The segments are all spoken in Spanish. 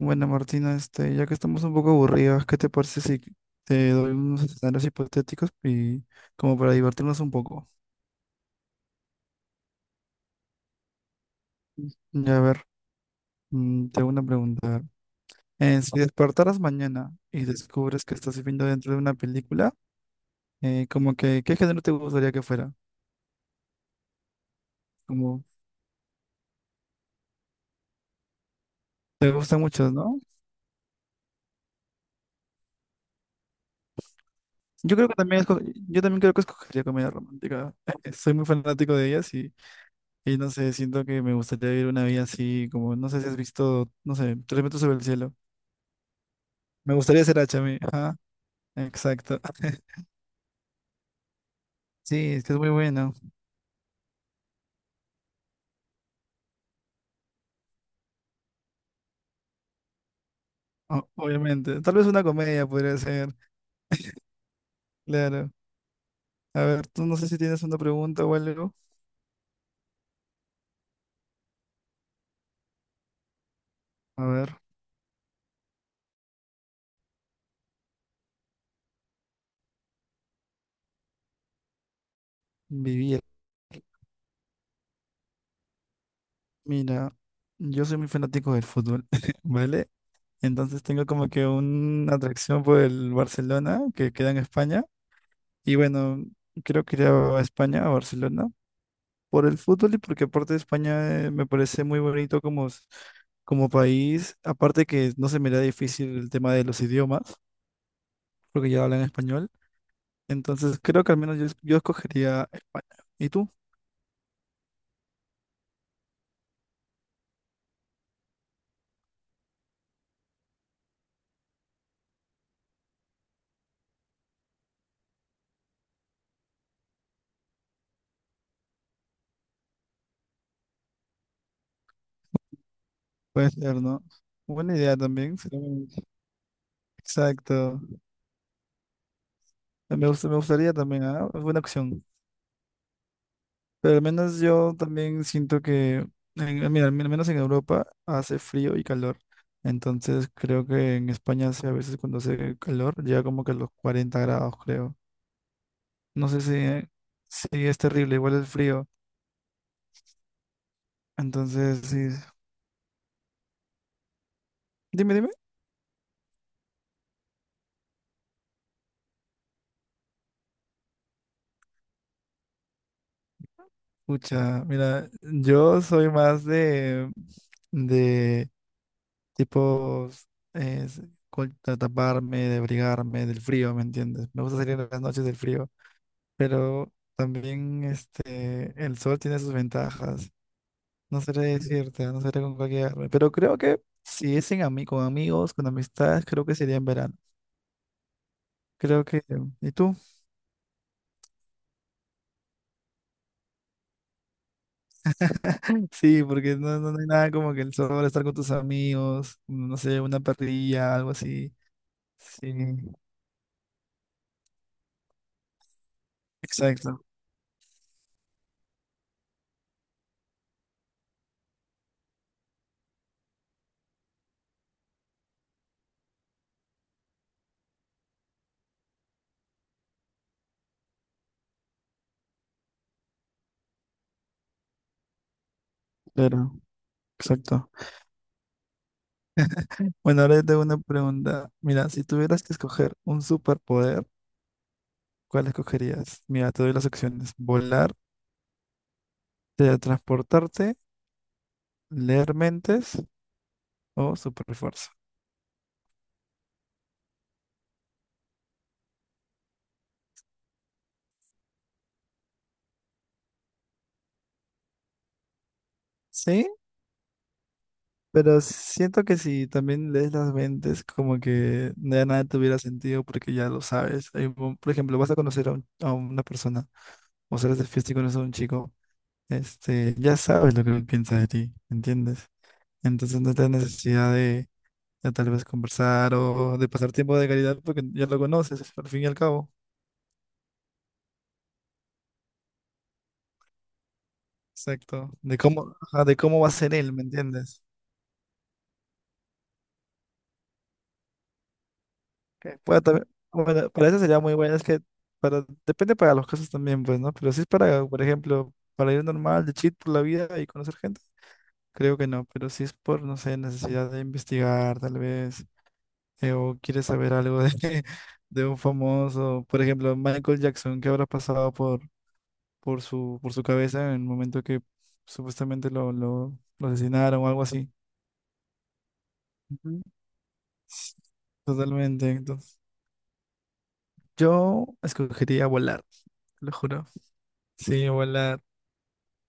Bueno, Martina, ya que estamos un poco aburridas, ¿qué te parece si te doy unos escenarios hipotéticos y como para divertirnos un poco? Ya a ver, te hago una pregunta. Si despertaras mañana y descubres que estás viviendo dentro de una película, ¿qué género te gustaría que fuera? Como te gustan muchos, ¿no? Yo creo que también esco- yo también creo que escogería comedia romántica. Soy muy fanático de ellas y no sé, siento que me gustaría vivir una vida así, como no sé si has visto, no sé, Tres metros sobre el cielo. Me gustaría ser hacha a mí. Ajá, exacto. Sí, es que es muy bueno, obviamente. Tal vez una comedia podría ser, claro. A ver, tú no sé si tienes una pregunta o algo. A ver, vivir. Mira, yo soy muy fanático del fútbol, ¿vale? Entonces tengo como que una atracción por el Barcelona, que queda en España. Y bueno, creo que iría a España, a Barcelona. Por el fútbol y porque aparte España me parece muy bonito como, como país, aparte que no se me da difícil el tema de los idiomas, porque ya hablan español, entonces creo que al menos yo, yo escogería España. ¿Y tú? Puede ser, ¿no? Buena idea también. Sí. Exacto. Me gustaría también, ¿ah? Es buena opción. Pero al menos yo también siento que, mira, al menos en Europa hace frío y calor. Entonces creo que en España hace, a veces cuando hace calor llega como que a los 40 grados, creo. No sé si es terrible, igual el frío. Entonces, sí. Dime, dime. Pucha, mira, yo soy más de tipos, eh, de taparme, de abrigarme del frío, ¿me entiendes? Me gusta salir en las noches del frío. Pero también el sol tiene sus ventajas. No seré decirte, no seré con cualquier árbol, pero creo que si es con amigos, con amistades, creo que sería en verano. Creo que, ¿y tú? Sí, porque no hay nada como que el sol, estar con tus amigos, no sé, una parrilla, algo así. Sí, exacto, claro, exacto. Bueno, ahora yo tengo una pregunta. Mira, si tuvieras que escoger un superpoder, ¿cuál escogerías? Mira, te doy las opciones. Volar, teletransportarte, leer mentes o superfuerza. Sí, pero siento que si también lees las mentes, como que ya nada tuviera sentido porque ya lo sabes. Por ejemplo, vas a conocer a una persona o sales de fiesta y conoces a un chico, ya sabes lo que él piensa de ti, ¿entiendes? Entonces no tienes necesidad de, tal vez conversar o de pasar tiempo de calidad porque ya lo conoces, al fin y al cabo. Exacto. De cómo, ajá, de cómo va a ser él, ¿me entiendes? Que bueno, también, bueno, para eso sería muy bueno, es que para, depende para los casos también, pues, ¿no? Pero si es para, por ejemplo, para ir normal, de chill por la vida y conocer gente, creo que no, pero si es por, no sé, necesidad de investigar, tal vez, o quieres saber algo de, de un famoso, por ejemplo, Michael Jackson, ¿qué habrá pasado por su cabeza en el momento que supuestamente lo asesinaron o algo así? Ujú. S- Totalmente, entonces, yo escogería volar, te lo juro. Sí, volar.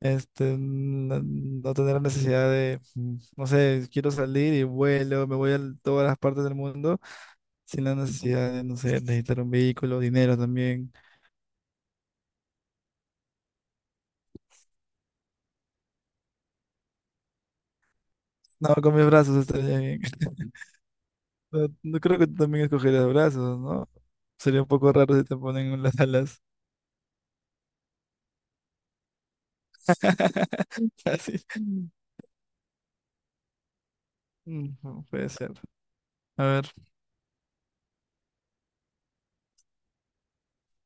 No tener la necesidad de, no sé, quiero salir y vuelo, me voy a todas las partes del mundo sin la necesidad de, no sé, necesitar un vehículo, dinero también. No, con mis brazos estaría bien. No, no creo que tú también escogerías brazos, ¿no? Sería un poco raro si te ponen las alas. Así. Mm, no, puede ser. A ver,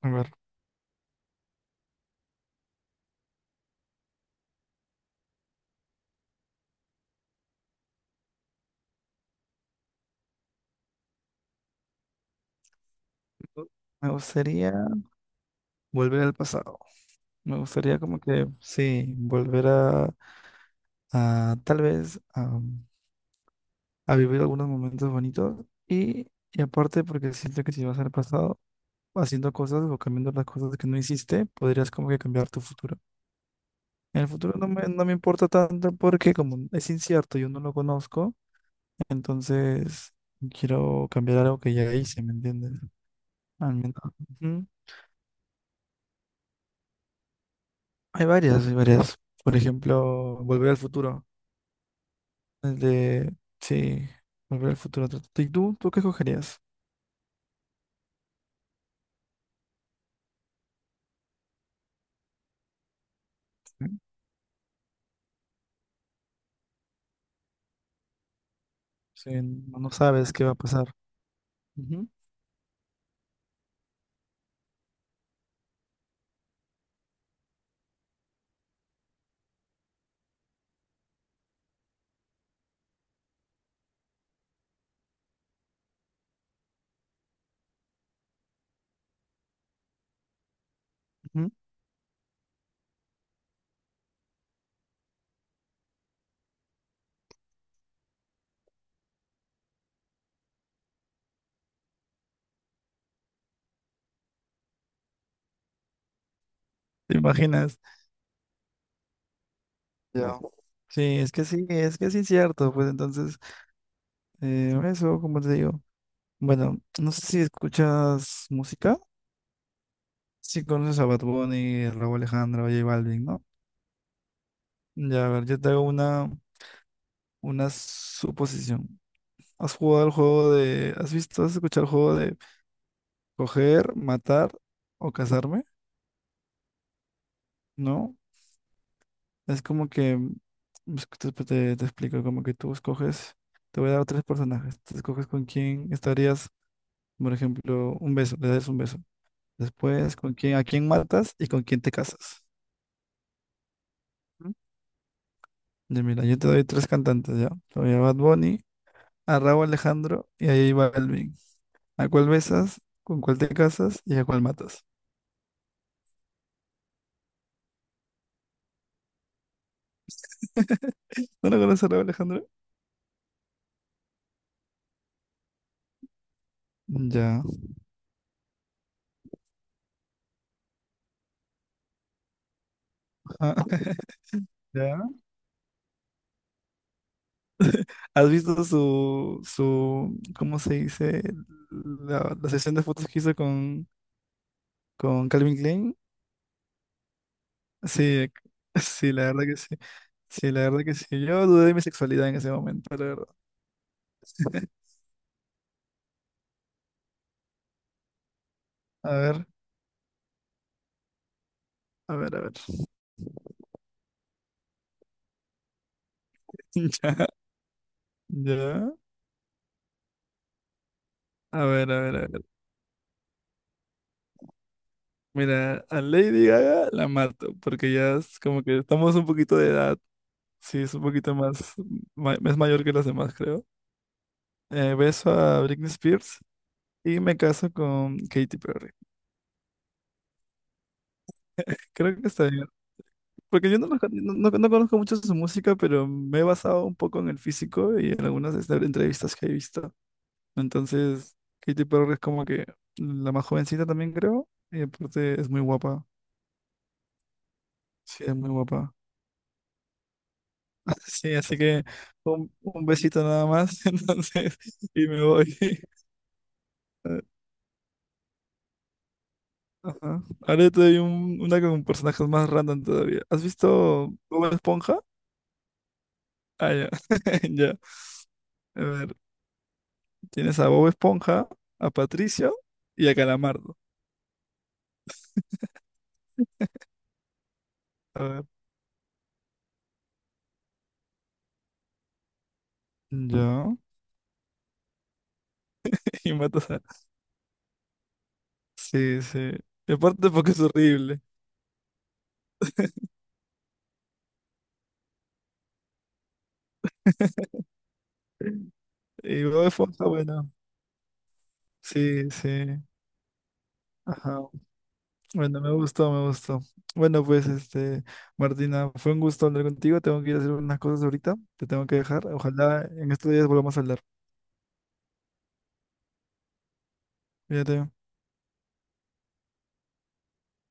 a ver. Me gustaría volver al pasado. Me gustaría como que, sí, volver a tal vez a vivir algunos momentos bonitos y aparte porque siento que si vas al pasado haciendo cosas o cambiando las cosas que no hiciste, podrías como que cambiar tu futuro. En el futuro no me importa tanto porque como es incierto, yo no lo conozco, entonces quiero cambiar algo que ya hice, ¿me entiendes? Al menos. Ujú. Hay varias, hay varias. Por ejemplo, volver al futuro. El de, sí, volver al futuro. ¿Y tú qué escogerías? Sí, no sabes qué va a pasar. Ujú, ujú. ¿Te imaginas? Ya. Sí, es que sí, es que sí es cierto. Pues entonces, eso, como te digo. Bueno, no sé si escuchas música. Si conoces a Bad Bunny, Raúl Alejandro, J Balvin, ¿no? Ya, a ver, yo te hago una suposición. ¿Has visto, has escuchado el juego de coger, matar o casarme? ¿No? Es como que... es que Te, te te explico, como que tú escoges. Te voy a dar tres personajes. Tú escoges con quién estarías. Por ejemplo, un beso, le das un beso. Después, ¿con quién, a quién matas y con quién te casas? ¿Mm? Ya, mira, yo te doy tres cantantes ya. Te doy a Bad Bunny, a Rauw Alejandro y a J Balvin. ¿A cuál besas? ¿Con cuál te casas? ¿Y a cuál matas? ¿No lo conoces a Rauw Alejandro? Ya. Ah, ¿ya? ¿Has visto su, ¿cómo se dice? La sesión de fotos que hizo con Calvin Klein. Sí, sí, la verdad que sí. Sí, la verdad que sí. Yo dudé de mi sexualidad en ese momento, la verdad. A ver, a ver, a ver. Ya, ya. A ver, a ver, a ver. Mira, a Lady Gaga la mato, porque ya es como que estamos un poquito de edad. Sí, es un poquito más, es mayor que las demás, creo. Beso a Britney Spears y me caso con Katy Perry. Creo que está bien. Porque yo no, los con- no- no- no conozco mucho su música, pero me he basado un poco en el físico y en algunas entrevistas que he visto. Entonces, Katy Perry es como que la más jovencita también creo, y aparte es muy guapa. Sí, es muy guapa. Sí, así que un besito nada más, entonces, y me voy. Ajá. Ahora yo te doy una con personajes más random todavía. ¿Has visto Bob Esponja? Ah, ya. Ya. A ver, tienes a Bob Esponja, a Patricio y a Calamardo. A ver, ya. Y matas a. Sí, sí. Y aparte porque es horrible. Y luego de Esponja, bueno. Sí, sí. Ajá. Bueno, me gustó, me gustó. Bueno, pues, Martina, fue un gusto hablar contigo. Tengo que ir a hacer unas cosas ahorita. Te tengo que dejar. Ojalá en estos días volvamos a hablar. Fíjate.